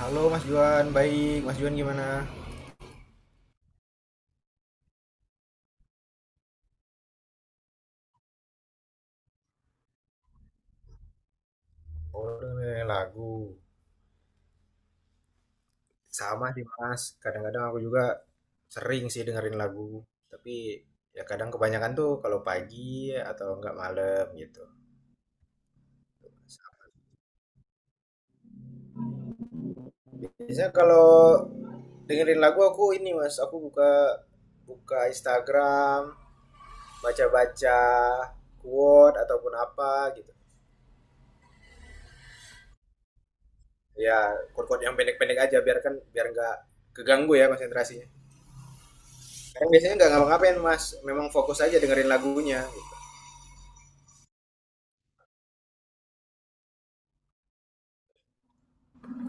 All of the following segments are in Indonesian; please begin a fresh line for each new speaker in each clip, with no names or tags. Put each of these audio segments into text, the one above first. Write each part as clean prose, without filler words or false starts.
Halo Mas Juan, baik. Mas Juan gimana? Oh, dengerin lagu. Sama sih Mas, kadang-kadang aku juga sering sih dengerin lagu. Tapi ya kadang kebanyakan tuh kalau pagi atau enggak malam gitu. Biasanya kalau dengerin lagu aku ini Mas, aku buka buka Instagram, baca-baca quote ataupun apa gitu. Ya, quote-quote yang pendek-pendek aja biar kan biar enggak keganggu ya konsentrasinya. Kan biasanya nggak ngapa-ngapain mas, memang fokus aja dengerin lagunya. Gitu.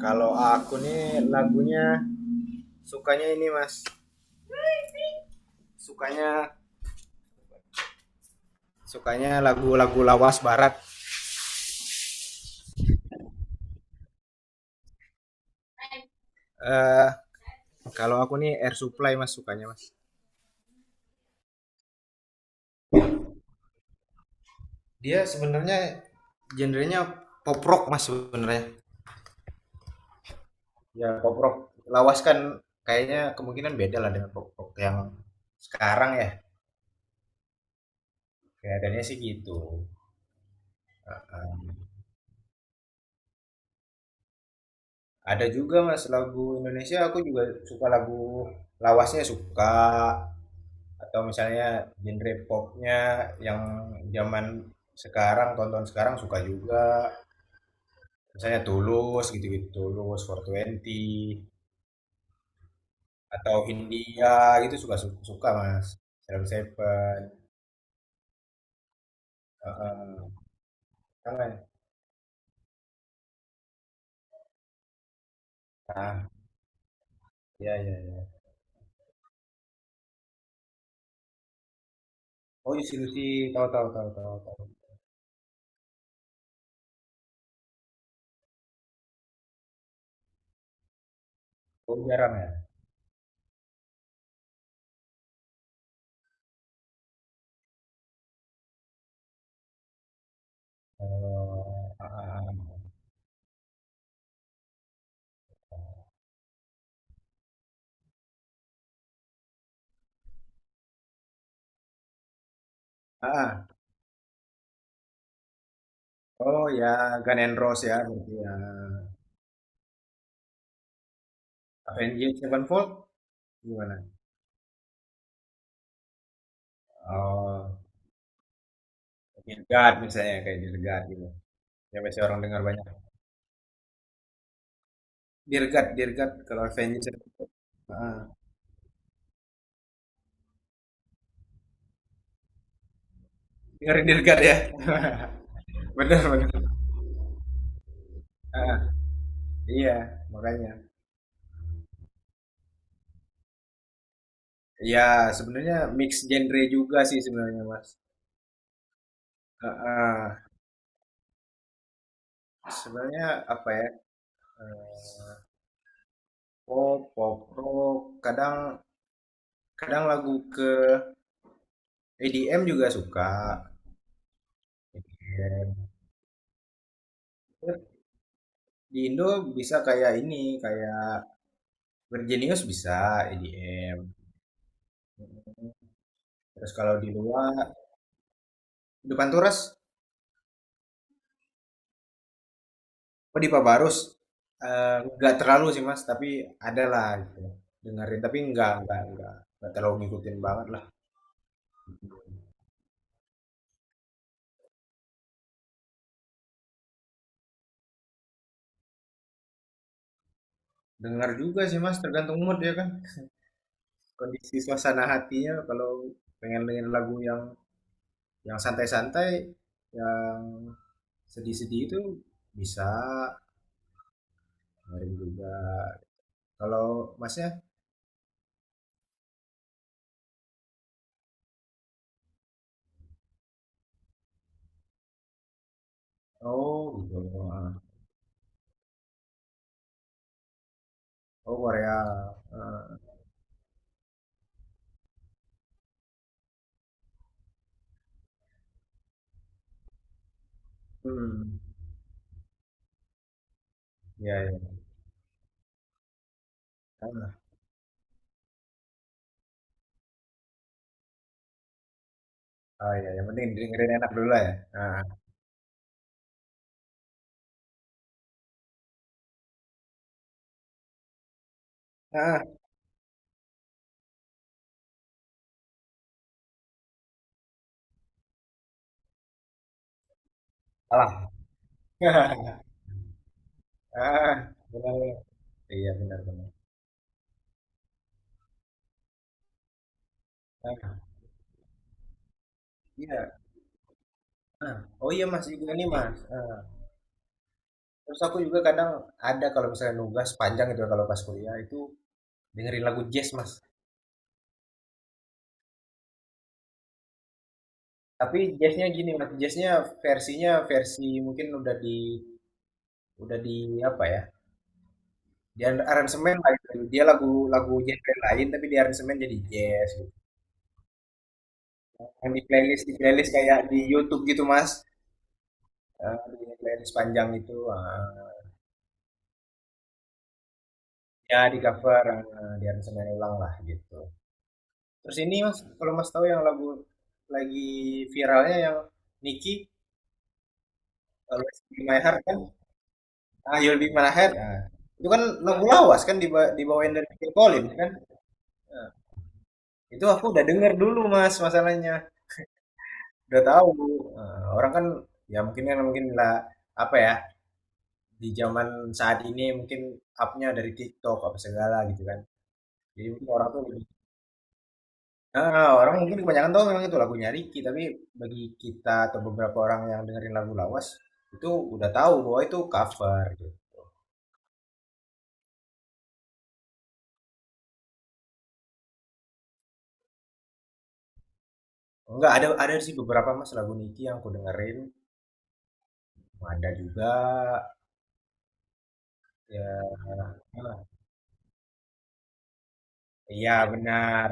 Kalau aku nih lagunya sukanya ini mas, sukanya sukanya lagu-lagu lawas barat. eh Kalau aku nih Air Supply mas sukanya mas. Dia sebenarnya genrenya pop rock mas sebenarnya. Ya pop rock. Lawas kan kayaknya kemungkinan beda lah dengan pop rock yang sekarang ya. Kelihatannya sih gitu. Eh, Ada juga Mas lagu Indonesia aku juga suka lagu lawasnya suka, atau misalnya genre popnya yang zaman sekarang tonton sekarang suka juga, misalnya Tulus gitu-gitu, Tulus four twenty, atau India gitu, suka suka Mas Salam Seven. Heeh. Kangen. Ah iya iya iya. Oh institusi, tahu tahu tahu tahu tahu. Oh, jarang ya. Oh, ah, ah, ah. Ah, ah. Oh ya, Gun N' Roses ya, berarti ya. Avenged Sevenfold gimana? Oh, Dirgat, misalnya kayak Dirgat God gitu. Yang biasanya orang dengar banyak. Dirgat, Dirgat, kalau Avenged Sevenfold. Ah, dengerin Dear ya. Benar-benar. Ah, iya, makanya. Ya, sebenarnya mix genre juga sih sebenarnya, Mas. Ah, ah. Sebenarnya apa ya? eh, Pop, pop rock, kadang kadang lagu ke EDM juga suka. Di Indo bisa kayak ini, kayak Virginius bisa EDM. Terus kalau di luar, di Panturas, oh di Pabarus, nggak terlalu sih mas, tapi ada lah gitu. Dengerin, tapi nggak terlalu ngikutin banget lah. Dengar juga sih mas, tergantung mood ya kan. Kondisi suasana hatinya kalau pengen dengerin lagu yang santai-santai, yang sedih-sedih itu bisa dengerin juga. Kalau masnya, oh gitu. Oh Korea. Heeh. Hmm. Iya iya. Ah, ah, iya. Yang penting dengerin enak dulu lah ya. Ah, ah, alah. Ah, benar. Benar. Iya benar benar. Ah, iya. Ah, oh iya Mas juga nih Mas. Ah, terus aku juga kadang ada kalau misalnya nugas panjang gitu kalau pas kuliah itu dengerin lagu jazz Mas. Tapi jazznya gini Mas, jazznya versinya versi mungkin udah di apa ya? Di aransemen lah gitu. Dia lagu lagu genre lain tapi di aransemen jadi jazz. Gitu. Yang di playlist kayak di YouTube gitu mas. Di playlist panjang itu ya di cover di aransemen ulang lah gitu. Terus ini mas, kalau mas tahu yang lagu lagi viralnya yang Nicki, Let's Be My Heart kan. Ah, You'll Be My Heart. Nah, itu kan lagu lawas kan diba- dibawain dari Phil Collins kan. Itu aku udah denger dulu mas masalahnya, udah tahu. Orang kan ya mungkin kan mungkin lah apa ya, di zaman saat ini mungkin upnya dari TikTok apa segala gitu kan. Jadi mungkin orang tuh lebih- ah, orang mungkin kebanyakan tahu memang itu lagunya Ricky, tapi bagi kita atau beberapa orang yang dengerin lagu lawas itu udah tahu bahwa itu cover. Gitu. Enggak, ada ada sih beberapa mas lagu Niki yang aku dengerin, ada juga ya. Ah, iya benar,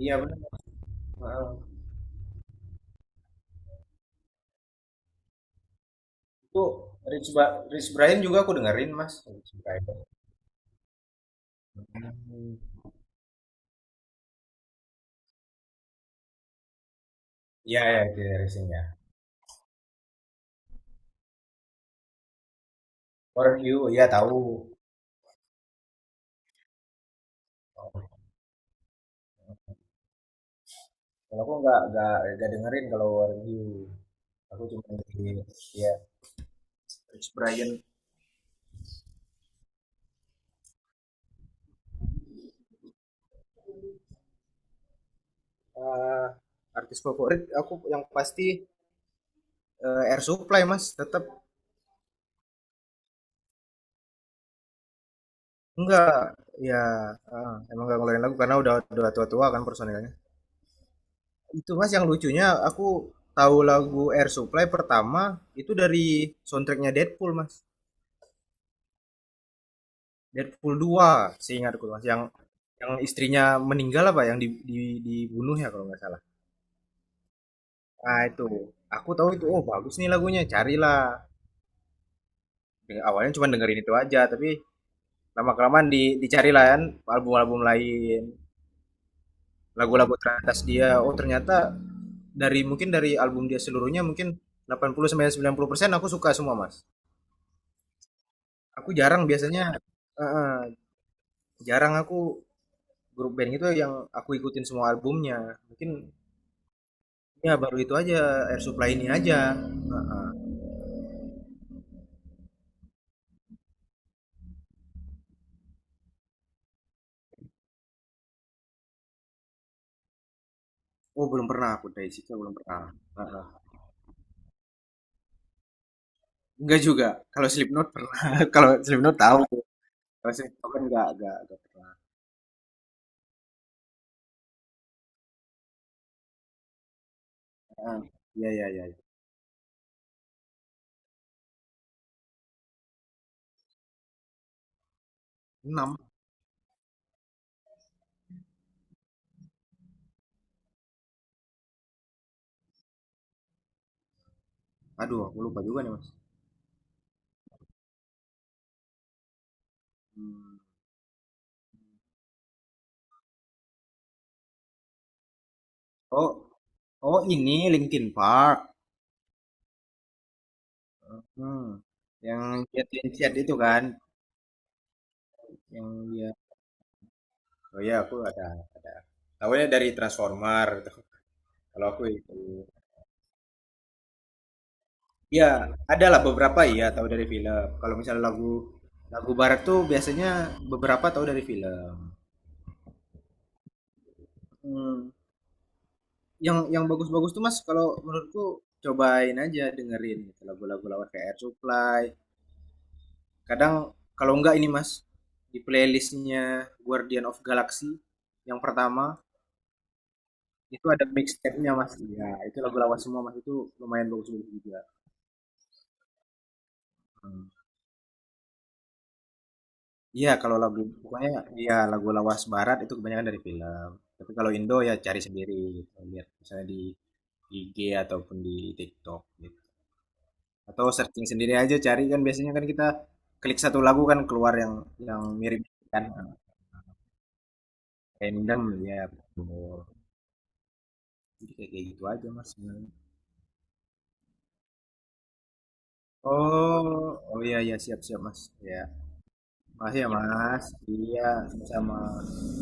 iya benar. Ah, itu Rich, Ba- Rich Brian juga aku dengerin mas, Rich Brian. Hmm, iya ya itu ya Rising ya. For You, iya tahu. Oh, kalau aku nggak dengerin kalau For You. Aku cuma di ya Rich Brian. Eh, Artis favorit aku yang pasti Air Supply mas tetap. Enggak ya, emang enggak ngeluarin lagu karena udah tua-tua kan personilnya. Itu mas yang lucunya, aku tahu lagu Air Supply pertama itu dari soundtracknya Deadpool mas. Deadpool 2 seingatku mas, yang istrinya meninggal, apa yang dibunuh ya kalau nggak salah. Nah itu aku tahu itu, oh bagus nih lagunya, carilah. Awalnya cuma dengerin itu aja, tapi lama kelamaan di dicari lah kan album-album lain, lagu-lagu teratas dia, oh ternyata dari mungkin dari album dia seluruhnya mungkin 80 sampai 90% aku suka semua mas. Aku jarang biasanya eh, eh, jarang aku grup band itu yang aku ikutin semua albumnya mungkin. Ya baru itu aja, Air Supply ini aja. Heeh. Oh belum pernah, aku dari situ belum pernah. Heeh. Enggak juga, kalau Slipknot pernah. Kalau Slipknot tahu. Kalau Slipknot kan enggak pernah. Heeh. Iya iya iya. Enam. Aduh, aku lupa juga nih, Mas. Hmm. Oh, oh ini Linkin Park. Hmm. Yang chat-chat itu kan, yang dia. Oh iya, aku ada ada. Tahunya dari Transformer. Kalau aku itu. Iya, ada lah beberapa iya tahu dari film. Kalau misalnya lagu lagu barat tuh biasanya beberapa tahu dari film. Hmm. Yang bagus-bagus tuh Mas, kalau menurutku cobain aja dengerin gitu, lagu-lagu lawan kayak Air Supply, kadang kalau enggak ini mas, di playlistnya Guardian of Galaxy yang pertama, itu ada mixtape-nya mas, ya itu lagu lawas semua mas, itu lumayan bagus, bagus juga. Hmm. Iya kalau lagu pokoknya iya lagu lawas barat itu kebanyakan dari film, tapi kalau Indo ya cari sendiri gitu. Lihat misalnya di IG ataupun di TikTok gitu, atau searching sendiri aja cari, kan biasanya kan kita klik satu lagu kan keluar yang mirip kan, random ya, betul. Jadi kayak kayak gitu aja mas. Oh, oh iya iya, siap siap Mas. Ya. Makasih ya Mas. Iya, sama-sama.